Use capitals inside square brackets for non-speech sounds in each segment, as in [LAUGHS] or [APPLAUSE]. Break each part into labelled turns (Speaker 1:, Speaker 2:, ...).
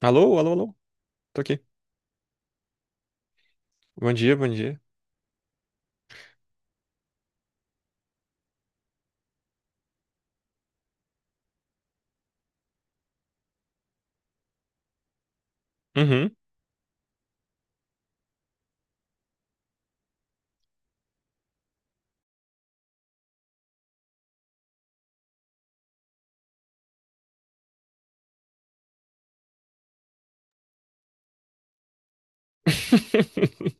Speaker 1: Alô, alô, alô. Tô aqui. Bom dia, bom dia. Uhum. [LAUGHS]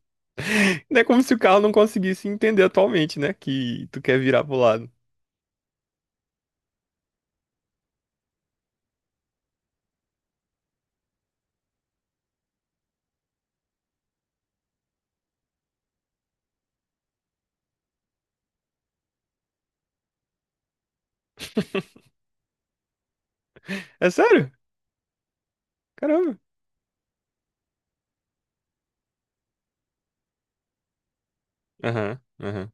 Speaker 1: Não é como se o carro não conseguisse entender atualmente, né? Que tu quer virar pro lado. [LAUGHS] É sério? Caramba. Aham, aham.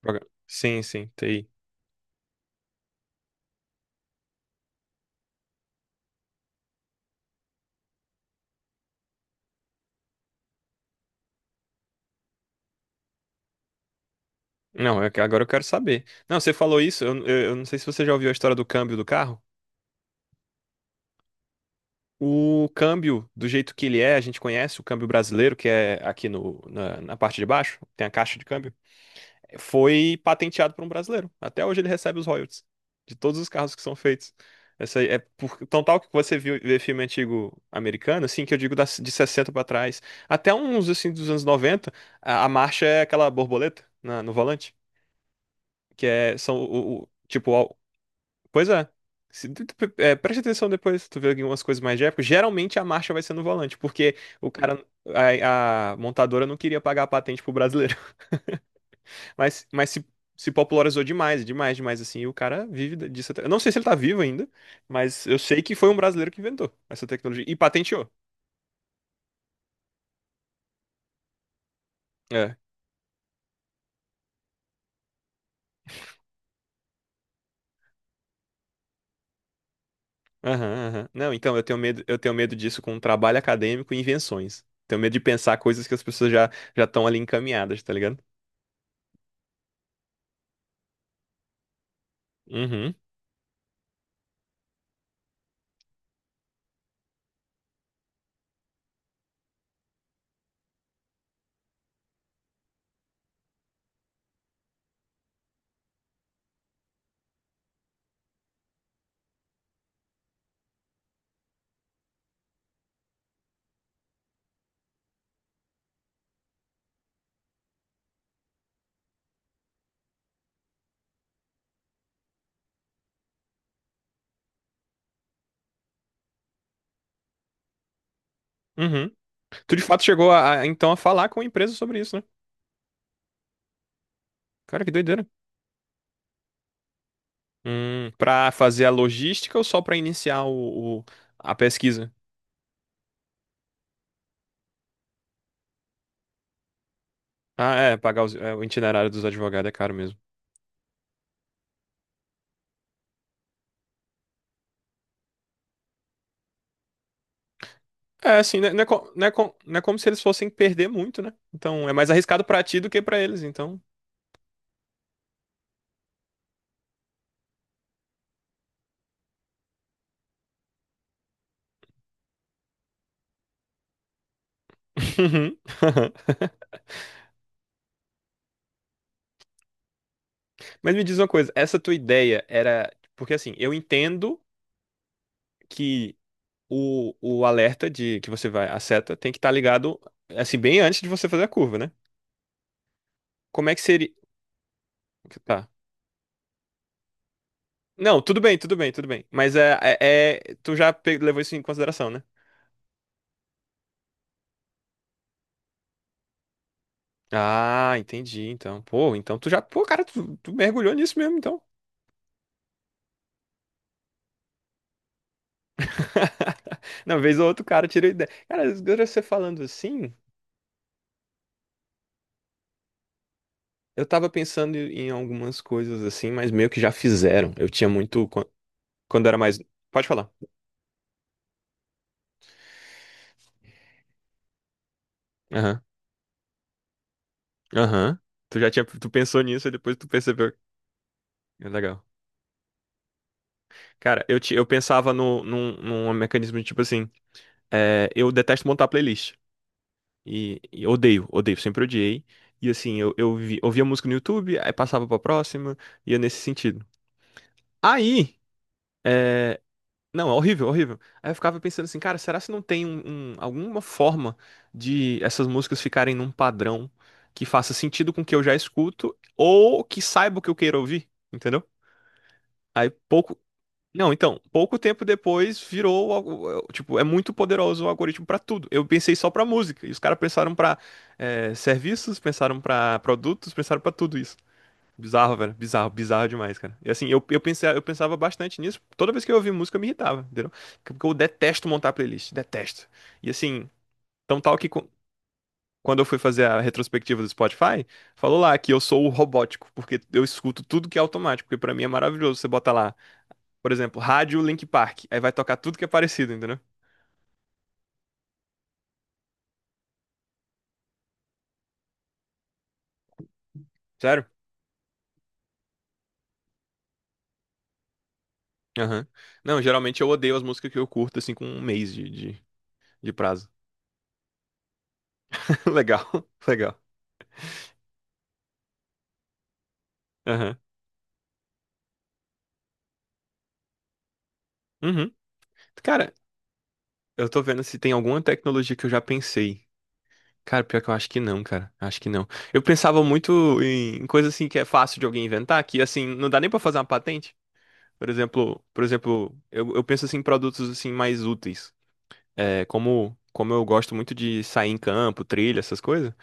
Speaker 1: Sim, sim, TI. Não, é que agora eu quero saber. Não, você falou isso, eu não sei se você já ouviu a história do câmbio do carro. O câmbio, do jeito que ele é, a gente conhece o câmbio brasileiro, que é aqui no, na, na parte de baixo, tem a caixa de câmbio. Foi patenteado por um brasileiro. Até hoje ele recebe os royalties de todos os carros que são feitos. Essa aí é por, tão tal que você viu vê filme antigo americano, assim, que eu digo de 60 para trás, até uns assim dos anos 90 a marcha é aquela borboleta no volante, que é são tipo, ó, pois é. Se tu- tu- é, Preste atenção depois, tu vê algumas coisas mais de época. Geralmente a marcha vai ser no volante, porque o cara, a montadora não queria pagar a patente pro brasileiro. Mas se popularizou demais, demais, demais, assim. E o cara vive disso até. Eu não sei se ele tá vivo ainda, mas eu sei que foi um brasileiro que inventou essa tecnologia e patenteou. É. Aham, aham. Não, então eu tenho medo disso com trabalho acadêmico e invenções. Tenho medo de pensar coisas que as pessoas já estão ali encaminhadas, tá ligado? Uhum, uhum. Tu de fato chegou então a falar com a empresa sobre isso, né? Cara, que doideira. Pra fazer a logística ou só pra iniciar a pesquisa? Ah, é, pagar o itinerário dos advogados é caro mesmo. É, assim, né, não é como se eles fossem perder muito, né? Então, é mais arriscado pra ti do que pra eles, então. [LAUGHS] Uhum. [LAUGHS] Mas me diz uma coisa, essa tua ideia era. Porque assim, eu entendo que o alerta de que você vai, a seta, tem que estar ligado, assim, bem antes de você fazer a curva, né? Como é que seria. Tá. Não, tudo bem, tudo bem, tudo bem. Mas tu já levou isso em consideração, né? Ah, entendi, então. Pô, então tu já. Pô, cara, tu mergulhou nisso mesmo, então. [LAUGHS] Não, vez ou outro cara tira ideia. Cara, agora você falando assim, eu tava pensando em algumas coisas assim, mas meio que já fizeram. Eu tinha muito. Quando era mais. Pode falar. Aham. Aham. Tu já tinha. Tu pensou nisso e depois tu percebeu. É legal. Cara, eu pensava no, num, num mecanismo de tipo assim. Eu detesto montar playlist. E odeio, odeio, sempre odiei. E assim, ouvia música no YouTube, aí passava pra próxima, ia nesse sentido. Aí. é, Não, é horrível, horrível. Aí eu ficava pensando assim, cara, será se não tem alguma forma de essas músicas ficarem num padrão que faça sentido com o que eu já escuto ou que saiba o que eu queira ouvir, entendeu? Aí pouco. Não, então, pouco tempo depois virou, tipo, é muito poderoso o algoritmo pra tudo. Eu pensei só pra música, e os caras pensaram pra serviços, pensaram pra produtos, pensaram pra tudo isso. Bizarro, velho. Bizarro, bizarro demais, cara. E assim, pensei, eu pensava bastante nisso. Toda vez que eu ouvia música, eu me irritava, entendeu? Porque eu detesto montar playlist. Detesto. E assim, tão tal que quando eu fui fazer a retrospectiva do Spotify, falou lá que eu sou o robótico, porque eu escuto tudo que é automático, porque pra mim é maravilhoso. Você bota lá, por exemplo, rádio Link Park. Aí vai tocar tudo que é parecido, entendeu? Sério? Aham. Não, geralmente eu odeio as músicas que eu curto, assim, com um mês de, de prazo. [LAUGHS] Legal, legal. Aham. Uhum. Cara, eu tô vendo se tem alguma tecnologia que eu já pensei. Cara, pior que eu acho que não, cara. Acho que não. Eu pensava muito em coisa assim que é fácil de alguém inventar, que assim, não dá nem pra fazer uma patente. Por exemplo, eu penso assim em produtos assim mais úteis. É, como, como eu gosto muito de sair em campo, trilha, essas coisas,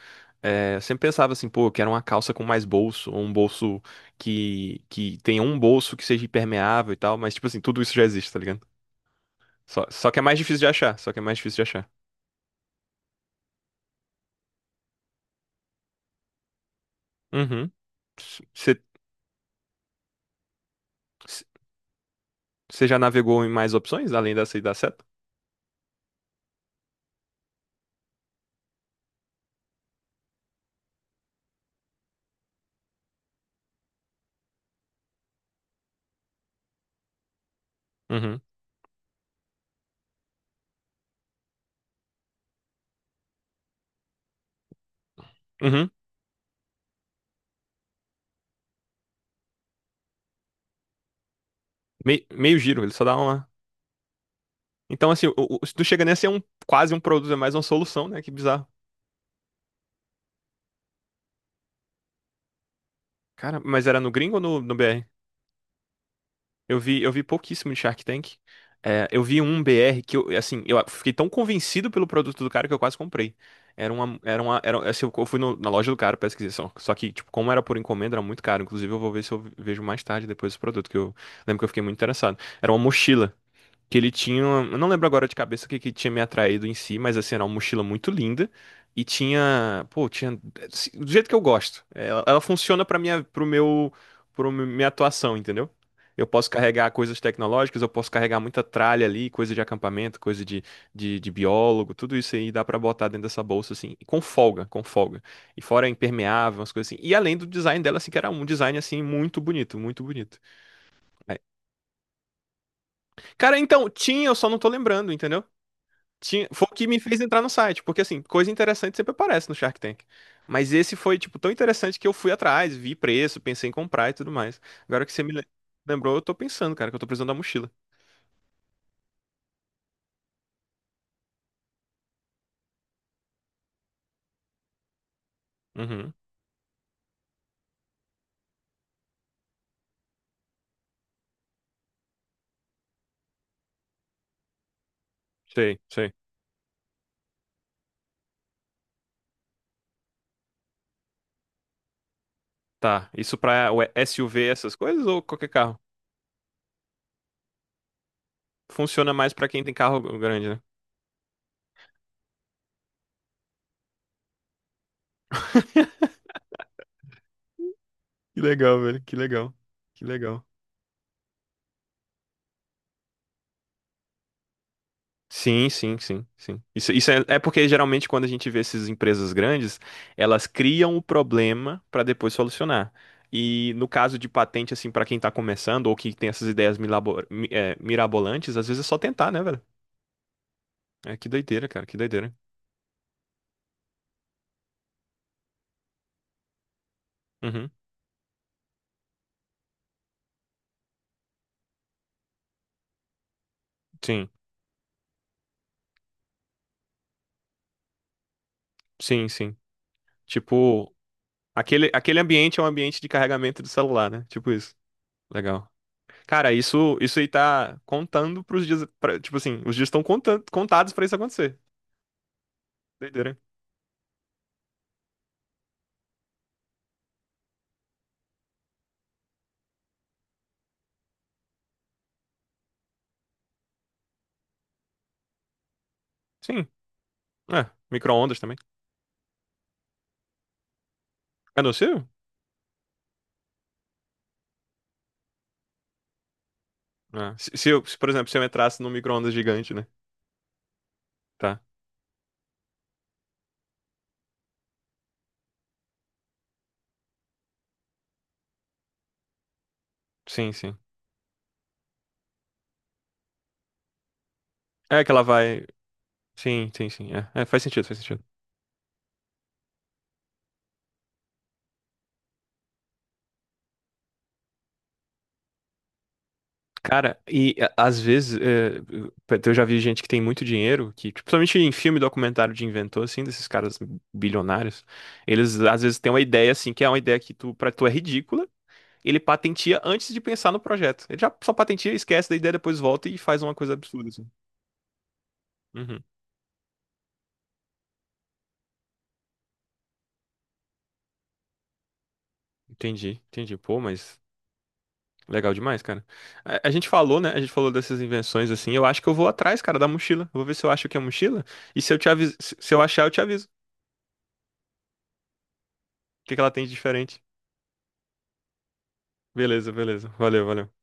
Speaker 1: é, eu sempre pensava assim, pô, eu quero uma calça com mais bolso, ou um bolso que tenha um bolso que seja impermeável e tal, mas tipo assim, tudo isso já existe, tá ligado? Só que é mais difícil de achar, só que é mais difícil de achar. Uhum. Você já navegou em mais opções além dessa e da seta? Uhum. Uhum. Meio giro, ele só dá uma. Então, assim, se tu chega nesse é um, quase um produto, é mais uma solução, né? Que bizarro. Cara, mas era no gringo ou no BR? Eu vi pouquíssimo de Shark Tank. É, eu vi um BR que eu, assim, eu fiquei tão convencido pelo produto do cara que eu quase comprei. Assim, eu fui na loja do cara pra pesquisar. Só que, tipo, como era por encomenda, era muito caro. Inclusive, eu vou ver se eu vejo mais tarde depois esse produto, que eu lembro que eu fiquei muito interessado. Era uma mochila que ele tinha, eu não lembro agora de cabeça o que que tinha me atraído em si, mas assim, era uma mochila muito linda e tinha, pô, tinha assim, do jeito que eu gosto. É, ela funciona para minha, pro meu, pro mi- minha atuação, entendeu? Eu posso carregar coisas tecnológicas, eu posso carregar muita tralha ali, coisa de acampamento, coisa de, de biólogo, tudo isso aí dá pra botar dentro dessa bolsa, assim, e com folga, com folga. E fora impermeável, umas coisas assim. E além do design dela, assim, que era um design, assim, muito bonito, muito bonito. É. Cara, então, tinha, eu só não tô lembrando, entendeu? Tinha, foi o que me fez entrar no site, porque assim, coisa interessante sempre aparece no Shark Tank. Mas esse foi, tipo, tão interessante que eu fui atrás, vi preço, pensei em comprar e tudo mais. Agora que você me lembrou, eu tô pensando, cara, que eu tô precisando da mochila. Uhum. Sei, sei. Tá. Isso pra o SUV, essas coisas, ou qualquer carro? Funciona mais pra quem tem carro grande, né? Que legal, velho. Que legal. Que legal. Sim, sim, sim, sim. Isso é porque geralmente quando a gente vê essas empresas grandes, elas criam o problema para depois solucionar. E no caso de patente, assim, para quem tá começando ou que tem essas ideias mirabolantes, às vezes é só tentar, né, velho? É que doideira, cara, que doideira. Uhum. Sim, sim, sim. Tipo, aquele ambiente é um ambiente de carregamento do celular, né? Tipo isso. Legal. Cara, isso aí tá contando pros dias, tipo assim, os dias estão contados pra isso acontecer. Doideira. Sim. É, micro-ondas também. É possível? É. Se eu, se, por exemplo, se eu entrasse num micro-ondas gigante, né? Tá. Sim, sim. É que ela vai. Sim, sim, sim. Faz sentido, faz sentido. Cara, e às vezes é, eu já vi gente que tem muito dinheiro, que, tipo, principalmente em filme documentário de inventor, assim, desses caras bilionários, eles às vezes têm uma ideia, assim, que é uma ideia que tu, pra tu é ridícula, ele patentia antes de pensar no projeto. Ele já só patentia, esquece da ideia, depois volta e faz uma coisa absurda, assim. Uhum. Entendi, entendi. Pô, mas Legal demais, cara. A gente falou, né? A gente falou dessas invenções assim. Eu acho que eu vou atrás, cara, da mochila. Eu vou ver se eu acho que é mochila. E se eu te aviso, se eu achar, eu te aviso. O que que ela tem de diferente? Beleza, beleza. Valeu, valeu.